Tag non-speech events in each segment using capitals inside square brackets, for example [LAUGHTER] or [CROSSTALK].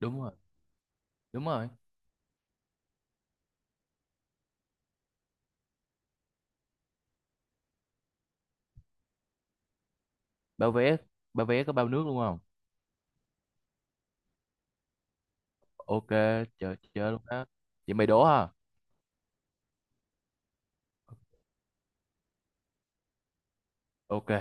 Đúng rồi, đúng rồi. Bao vé, bao vé có bao nước luôn không? OK. Chờ chờ luôn đó. Vậy mày đố hả? OK.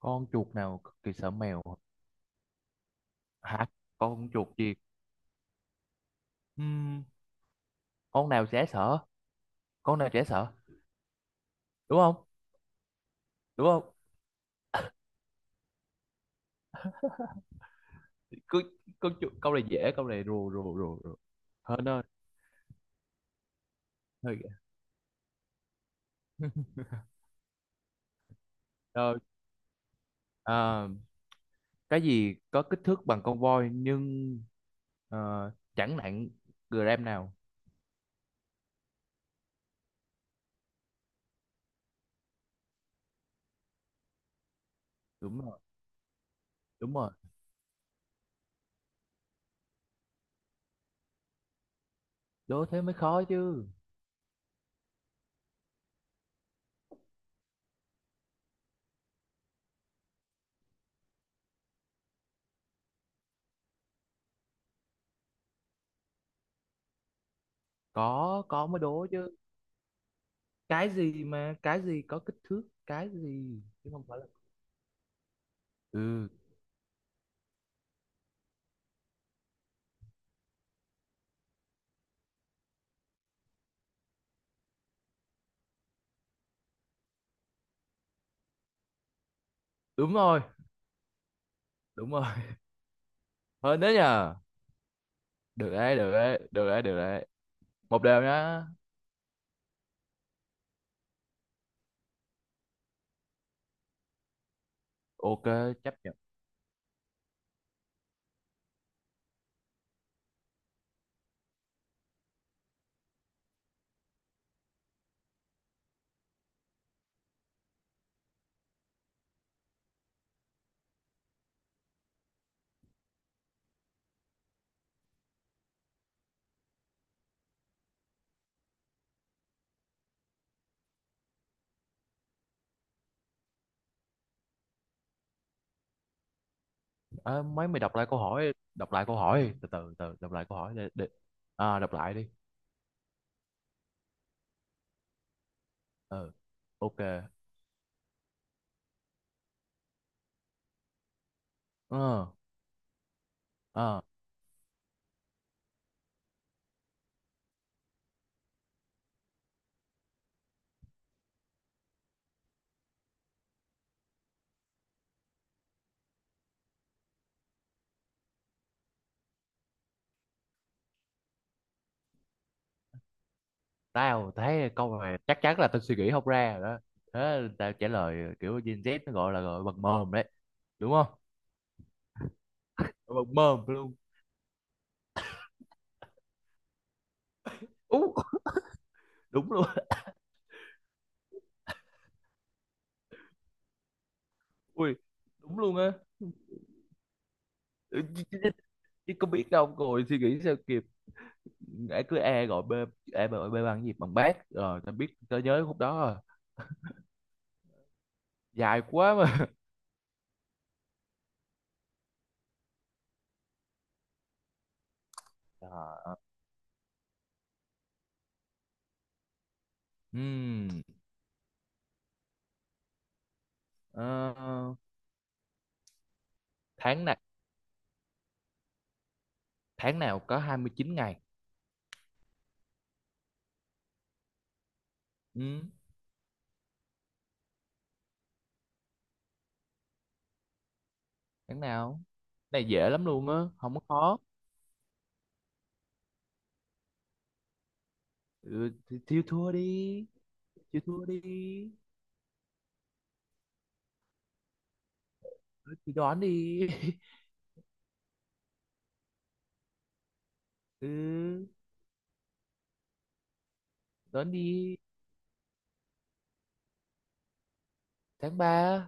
Con chuột nào cực kỳ sợ mèo? Hả? Con chuột gì? Ừm, con nào dễ sợ? Con nào dễ sợ? Đúng không? Đúng không? Cứ con chuột câu này dễ, câu này rùa rùa rùa rùa hơn ơi. Hơi ghê. [LAUGHS] Rồi. À, cái gì có kích thước bằng con voi nhưng chẳng nặng gram nào? Đúng rồi, đúng rồi. Đố thế mới khó chứ. Có mới đố chứ. Cái gì có kích thước, cái gì chứ không phải là. Ừ. Đúng rồi, đúng rồi. [LAUGHS] Hơn đấy nhờ. Được đấy, được đấy, được đấy, được đấy. Một đều nhá. OK, chấp nhận. À, mấy mày đọc lại câu hỏi, đọc lại câu hỏi, từ từ từ đọc lại câu hỏi để. À, đọc lại đi. Ừ. OK. Ờ ờ Tao thấy câu này chắc chắn là tao suy nghĩ không ra rồi đó. Thế tao trả lời kiểu Gen Z, nó gọi là gọi bằng mồm đấy, đúng không? Bằng mồm luôn. Ú, đúng luôn. [LAUGHS] Ui, đúng luôn á. Ừ, chứ có biết đâu rồi suy nghĩ sao kịp. Ai cứ e gọi b, e mà gọi b bằng gì, bằng bác rồi, tao biết, tao nhớ khúc đó rồi. Dài quá mà. [LAUGHS] Trời ơi. Ừm, ờ, Tháng nào, tháng nào có 29 ngày? Ừm, Tháng nào? Cái này dễ lắm luôn á, không có khó. Ừ, thì chịu thua đi, chịu thua đi. Ừ, thì đoán đi. [LAUGHS] Ừ, đoán đi. Tháng 3?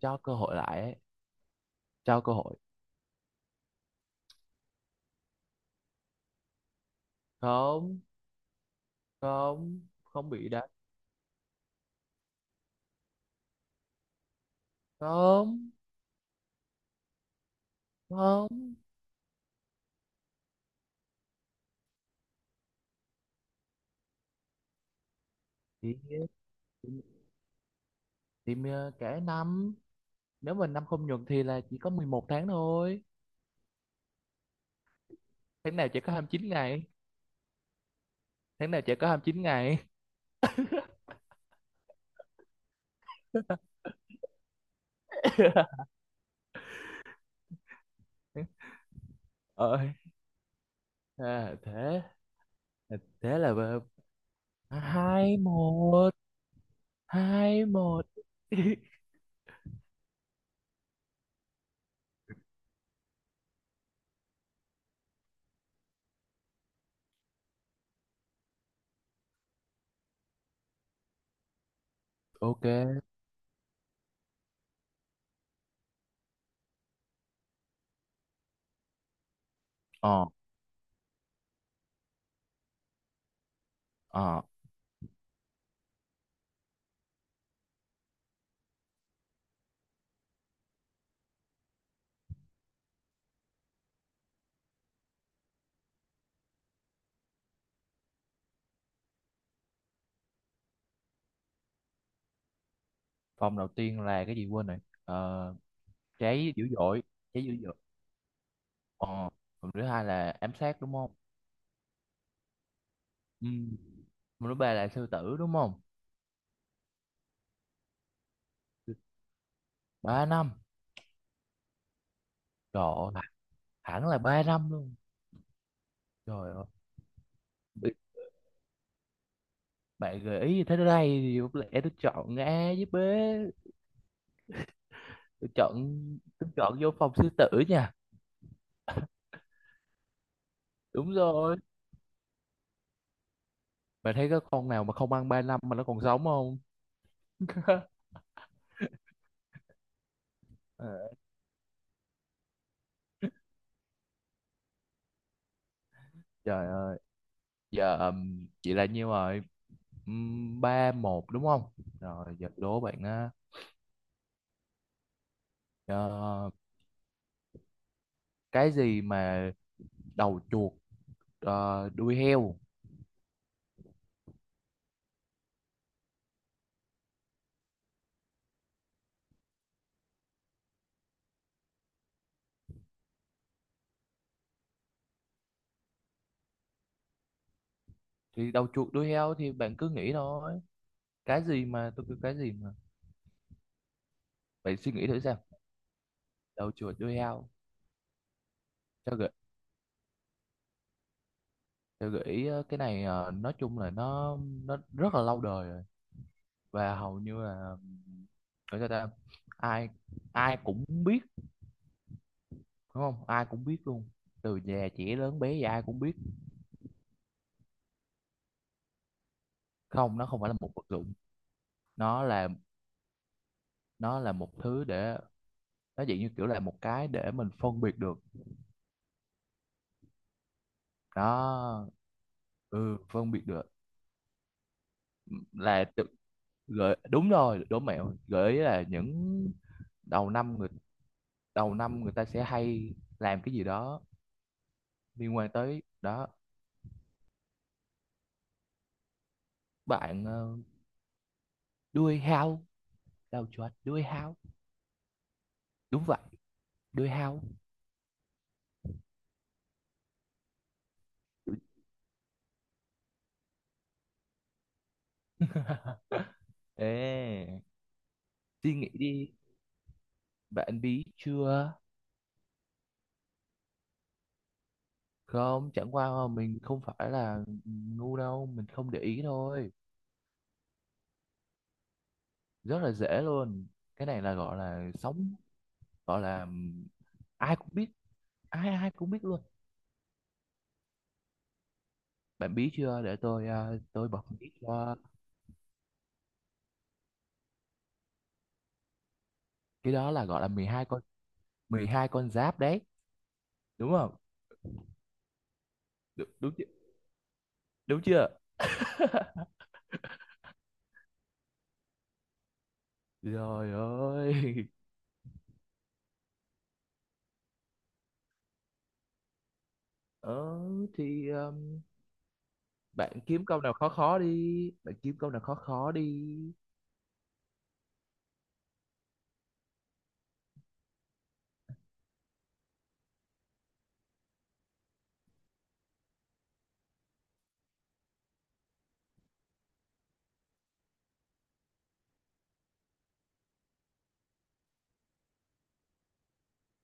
Cho cơ hội lại ấy. Cho cơ hội. Không, không, không bị đánh. Không. Không. Chỉ, chỉ, chỉ cả năm, nếu mà năm không nhuận thì là chỉ có 11 tháng thôi. Tháng nào chỉ có 29 ngày? Tháng nào chỉ có hai mươi chín ngày? [LAUGHS] Ơi. À, thế. À, thế là ờ, 2-1. 2-1. [LAUGHS] OK. Ờ ờ Vòng đầu tiên là cái gì quên rồi. ờ, Cháy dữ dội. Cháy dữ dội. Ờ, vòng thứ hai là ám sát đúng không? Ừ. Mà lúc bà là sư tử đúng không? Ba năm. Trời ơi, hẳn là 3 năm luôn. Trời ơi. bị- Bạn gợi ý như thế đây thì có lẽ tôi chọn A với B. Tôi chọn, tôi chọn vô phòng sư tử nha. Đúng rồi. Bạn thấy có con nào mà không ăn 3 năm mà nó còn sống không? [LAUGHS] Ờ. Trời ơi. Giờ chị là nhiêu rồi? 3-1 đúng không? Rồi giờ đố bạn á. Ờ, cái gì mà đầu chuột đuôi heo? Thì đầu chuột đuôi heo thì bạn cứ nghĩ thôi. Cái gì mà, tôi kêu cái gì mà, bạn suy nghĩ thử xem. Đầu chuột đuôi heo. cho gợi cho gợi ý. Ờ, cái này nói chung là nó rất là lâu đời rồi. Và hầu như là, gọi sao ta, ai, ai cũng biết, đúng không, ai cũng biết luôn. Từ già trẻ lớn bé gì ai cũng biết. Không, nó không phải là một vật dụng. Nó là, nó là một thứ để, nó dạng như kiểu là một cái để mình phân biệt được đó. Ừ, phân biệt được. là tự- Gợi, đúng rồi, đố mẹo. Gợi ý là những đầu năm, người đầu năm người ta sẽ hay làm cái gì đó liên quan tới đó. Bạn đuôi hao, đầu chuột đuôi hao. Đúng vậy, đuôi hao. [LAUGHS] Ê, suy nghĩ đi, bạn bí chưa? Không, chẳng qua mà mình không phải là ngu đâu, mình không để ý thôi. Rất là dễ luôn. Cái này là gọi là sống, gọi là ai cũng biết, ai ai cũng biết luôn. Bạn biết chưa? Để tôi tôi bật mí cho. Cái đó là gọi là 12 con, 12 con giáp đấy, đúng không? Đúng, đúng chưa? Đúng chưa? [LAUGHS] Rồi. Ơi. Ờ thì bạn kiếm câu nào khó khó đi, bạn kiếm câu nào khó khó đi.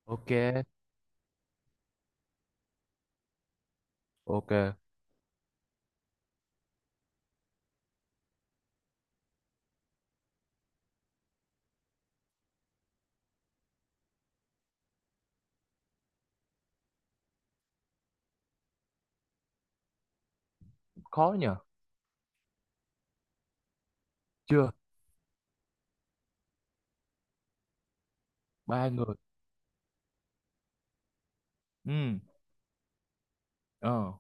OK, OK, khó nhờ. Chưa, ba người. Ừ, ờ,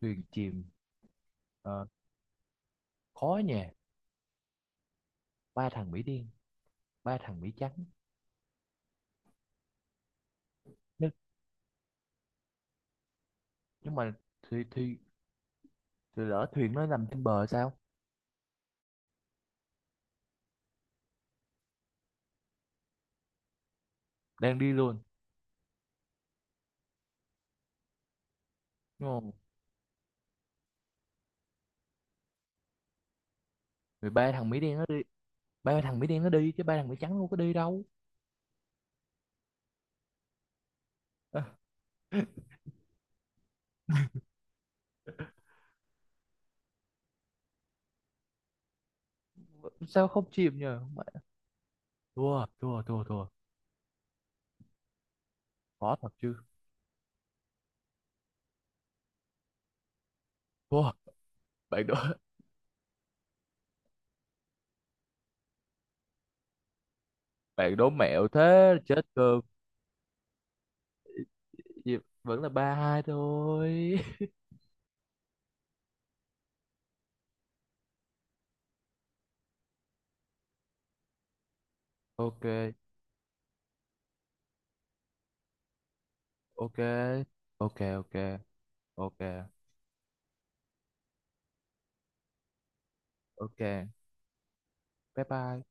thuyền chìm. Ờ, khó nhờ. Ba thằng Mỹ đen, ba thằng Mỹ trắng. Nhưng, nhưng mà, thì thì lỡ thuyền nó nằm trên bờ sao? Đang đi luôn. Ừ. Mười ba thằng Mỹ đen nó đi, ba thằng Mỹ đen nó đi chứ ba thằng Mỹ trắng không có đi đâu. Ờ, sao không chìm nhờ. Thua, thua, thua, thua. Khó thật chứ. Thua, bạn đố. [LAUGHS] Bạn đố mẹo thế chết cơm. Gì- Vẫn là 3-2 thôi. [LAUGHS] OK, OK. OK, OK. OK. OK. Bye bye.